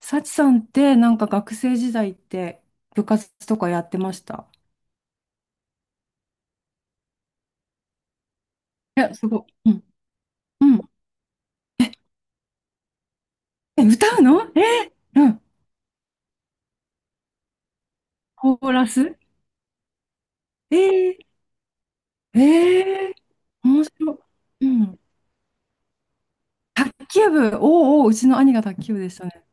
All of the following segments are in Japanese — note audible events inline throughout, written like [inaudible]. サチさんってなんか学生時代って部活とかやってました？え、すごい。うん。うん。え、歌うの？えー、うん。コーラス？えー、えー、面白い。うん。卓球部、おうおう、うちの兄が卓球部でしたね。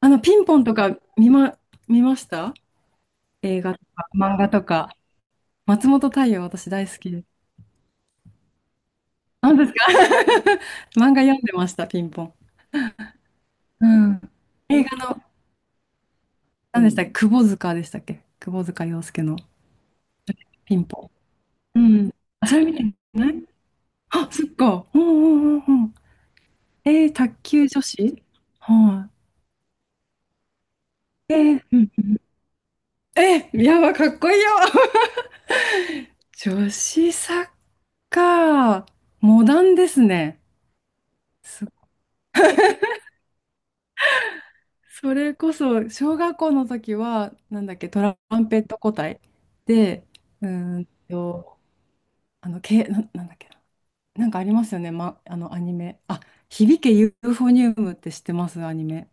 ピンポンとか見ました。映画とか、漫画とか。松本太陽、私大好きです。何ですか？ [laughs] 漫画読んでました、ピンポン。うん。映画の、何でしたっけ、窪塚でしたっけ、久保塚洋介の。ピンポン。うん。あ、それ見てない。あ、そっか。うんうんうんうん。えー、卓球女子、はい。えー、うんうん。えー、やば、かっこいいよ。[laughs] 女子サッカー、モダンですね。そ、それこそ、小学校の時は、なんだっけ、トランペット個体で、うーんと、なんだっけな、なんかありますよね、ま、アニメ。あ、響けユーフォニウムって知ってます？アニメ。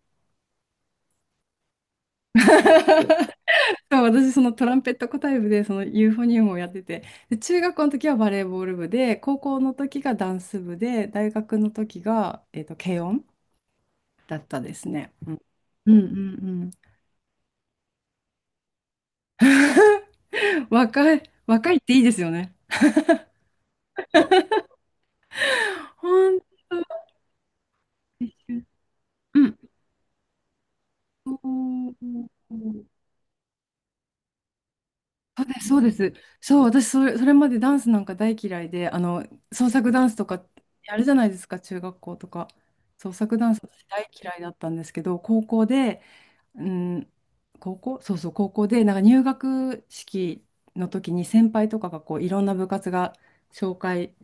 [laughs] そう私、そのトランペット小体部で、そのユーフォニウムをやってて、で、中学校の時はバレーボール部で、高校の時がダンス部で、大学の時が、軽音だったですね。うん、うん、うんうん [laughs]。若い、若いっていいですよね。本当。うん。うん、そうです、そうです。そう、私それまでダンスなんか大嫌いで、創作ダンスとかやるじゃないですか、中学校とか。創作ダンス私大嫌いだったんですけど、高校で、うん、そうそう、高校で、なんか入学式の時に先輩とかがこういろんな部活が紹介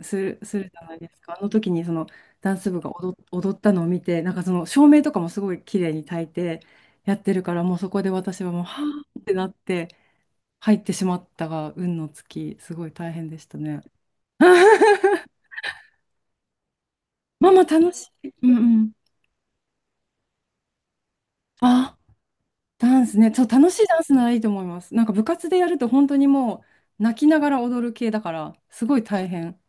する、するじゃないですか。あの時にそのダンス部が踊ったのを見て、なんかその照明とかもすごい綺麗に焚いてやってるから、もうそこで私はもう、はぁってなって入ってしまったが、運の尽き、すごい大変でしたね。[laughs] ママ楽しい。うんうん。あ、ダンスね、そう、楽しいダンスならいいと思います。なんか部活でやると本当にもう泣きながら踊る系だから、すごい大変。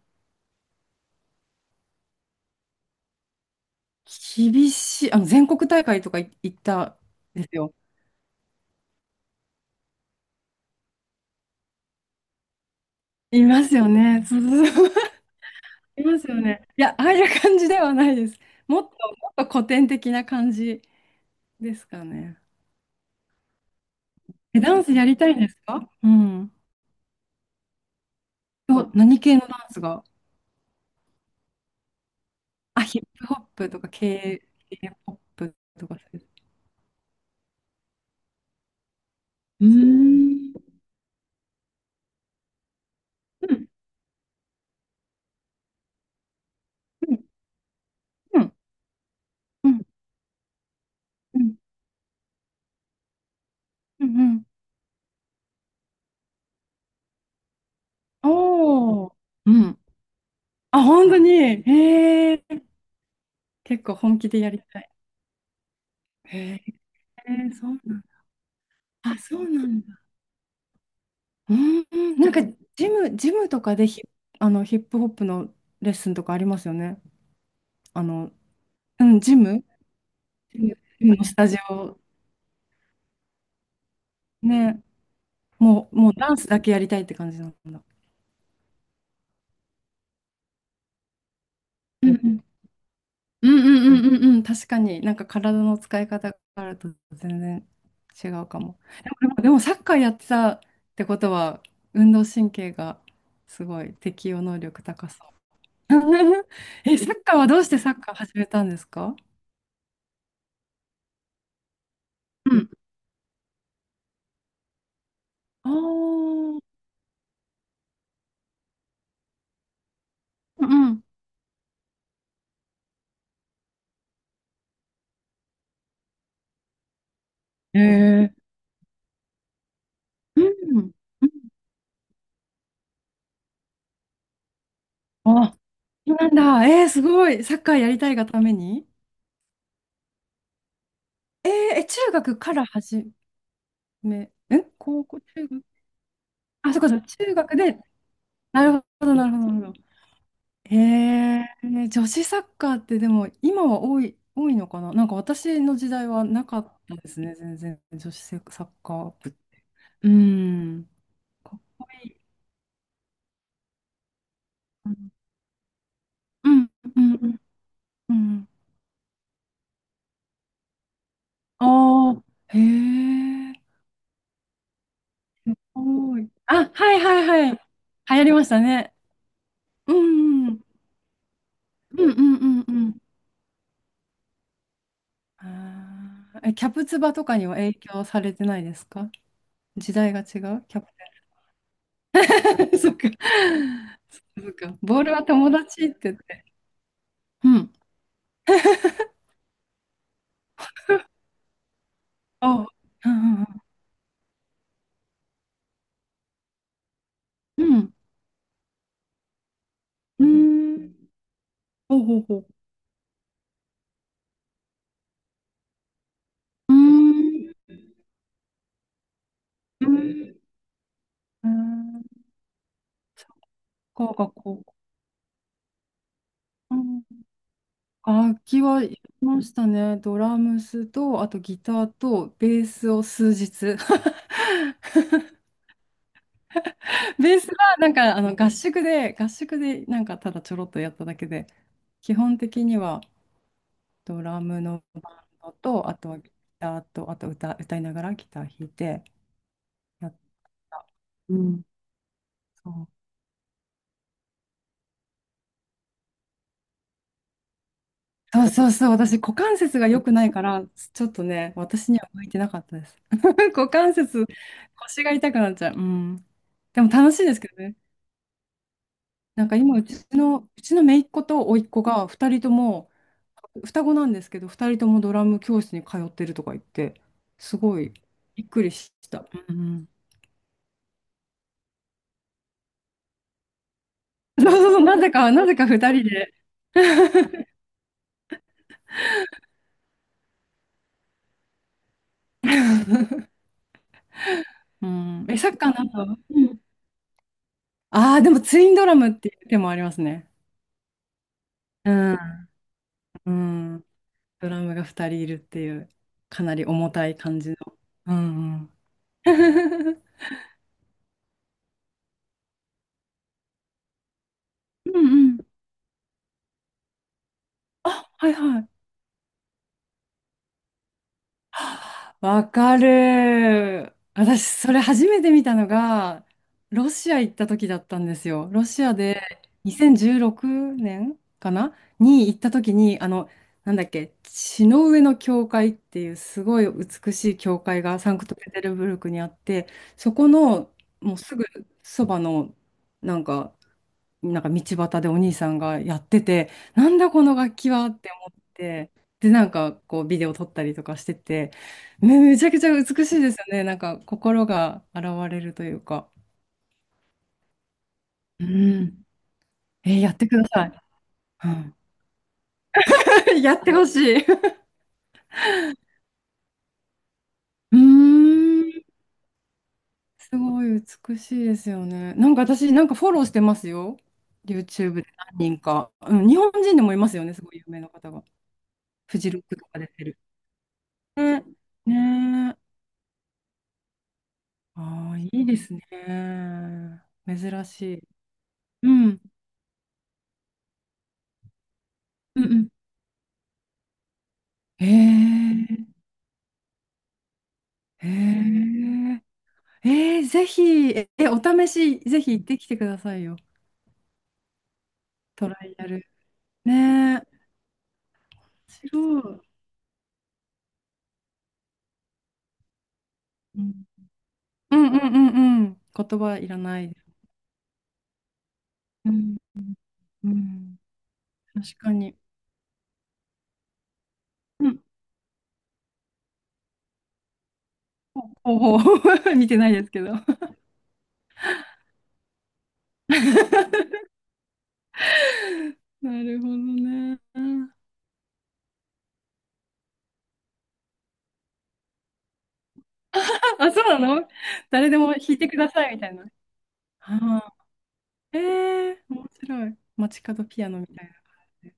厳しい。全国大会とか行ったんですよ。いますよね。そうそうそう。[laughs] いますよね。いや、ああいう感じではないです。もっと、もっと古典的な感じですかね。え、ダンスやりたいんですか？うん。何系のダンスがヒップホップとか k p ップとかそういう。うーん。うん。うん。うん。うん。うんうん。おお。うん。あ、本当に。へえ。結構本気でやりたい。へえ、そうなんだ。あ、そうなんだ。うん、なんか、ジムとかでヒ、あの、ヒップホップのレッスンとかありますよね。あの、うん、ジムのスタジオ。ね。もうダンスだけやりたいって感じなんだ。うんうんうんうんうんうんうん、確かになんか体の使い方があると全然違うかも。でもサッカーやってたってことは、運動神経がすごい適応能力高そう。[laughs] え、サッカーはどうしてサッカー始めたんですか？うん、ああー、うん、へえー。うんうん、あ、そうなんだ。えー、すごい。サッカーやりたいがために。えー、中学から始め、ん、高校、中学。あ、そっかそっか、中学で、なるほど、なるほど、なるほど。へえ、女子サッカーってでも今は多いのかな。なんか私の時代はなかったですね、全然女子サッカー部って。うん、かっこいい。うんうんうんうん。ああ、へえ、多い。あ、はいはいはい。流行りましたね。うんうんうんうんうん、ああ、え、キャプツバとかには影響されてないですか？時代が違うキャプ。 [laughs] そっか。そっか。ボールは友達って言って。うん。ああ。うんうんうん。うん。うーん。ほうほうほう。うーん。うーん。ーんサッカーがこう。うん。楽器はやりましたね。ドラムスと、あとギターと、ベースを数日。[laughs] ベースはなんか合宿で、なんかただちょろっとやっただけで、基本的にはドラムのバンドと、あとはギターと、あと歌いながらギター弾いてやった。うん。そうそうそうそう、私、股関節が良くないから、ちょっとね、私には向いてなかったです。[laughs] 股関節、腰が痛くなっちゃう。うん。でも楽しいですけどね。なんか今、うちの姪っ子と甥っ子が二人とも、双子なんですけど、二人ともドラム教室に通ってるとか言って、すごいびっくりした。うんうん、そうそうそう、なぜか二人で。[laughs] うん。え、サッカーの後、うん。ああ、でもツインドラムっていう手もありますね。うん、うん。ドラムが二人いるっていう、かなり重たい感じの。うんうん。[laughs] うんうん。はいはい。わかる。私、それ初めて見たのが、ロシア行った時だったんですよ。ロシアで2016年かなに行った時に、なんだっけ、血の上の教会っていうすごい美しい教会がサンクトペテルブルクにあって、そこのもうすぐそばの、なんか、なんか道端でお兄さんがやってて、なんだこの楽器はって思って、で、なんかこうビデオ撮ったりとかしてて、めちゃくちゃ美しいですよね。なんか心が洗われるというか。うん。えー、やってください。うん [laughs] やってほしい。[laughs] うーん。すごい美しいですよね。なんか私、なんかフォローしてますよ。YouTube で何人か。うん、日本人でもいますよね、すごい有名な方が。フジロックとか出てる。ね。ね、ああ、いいですね。珍しい。うん。うんうん。ええええええ、ぜひ、お試し、ぜひ行ってきてくださいよ。トライアル。ねえ。白い。うんうんうんうんうん。言葉いらない。うん。うん。確かに。うん。ほうほうほう。[laughs] 見てないですけど。[laughs] なるほどね。あ、そうなの？誰でも弾いてくださいみたいな。は、ええ、面白い。街角ピアノみたいな感じで。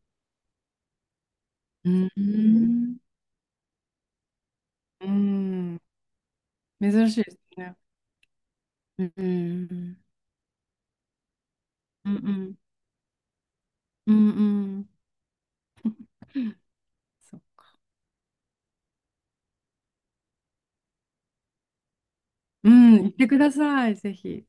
うーん。うん、珍しいですね。うんうんうん。うんうん。うんうん。そう。うん、行ってください、ぜひ。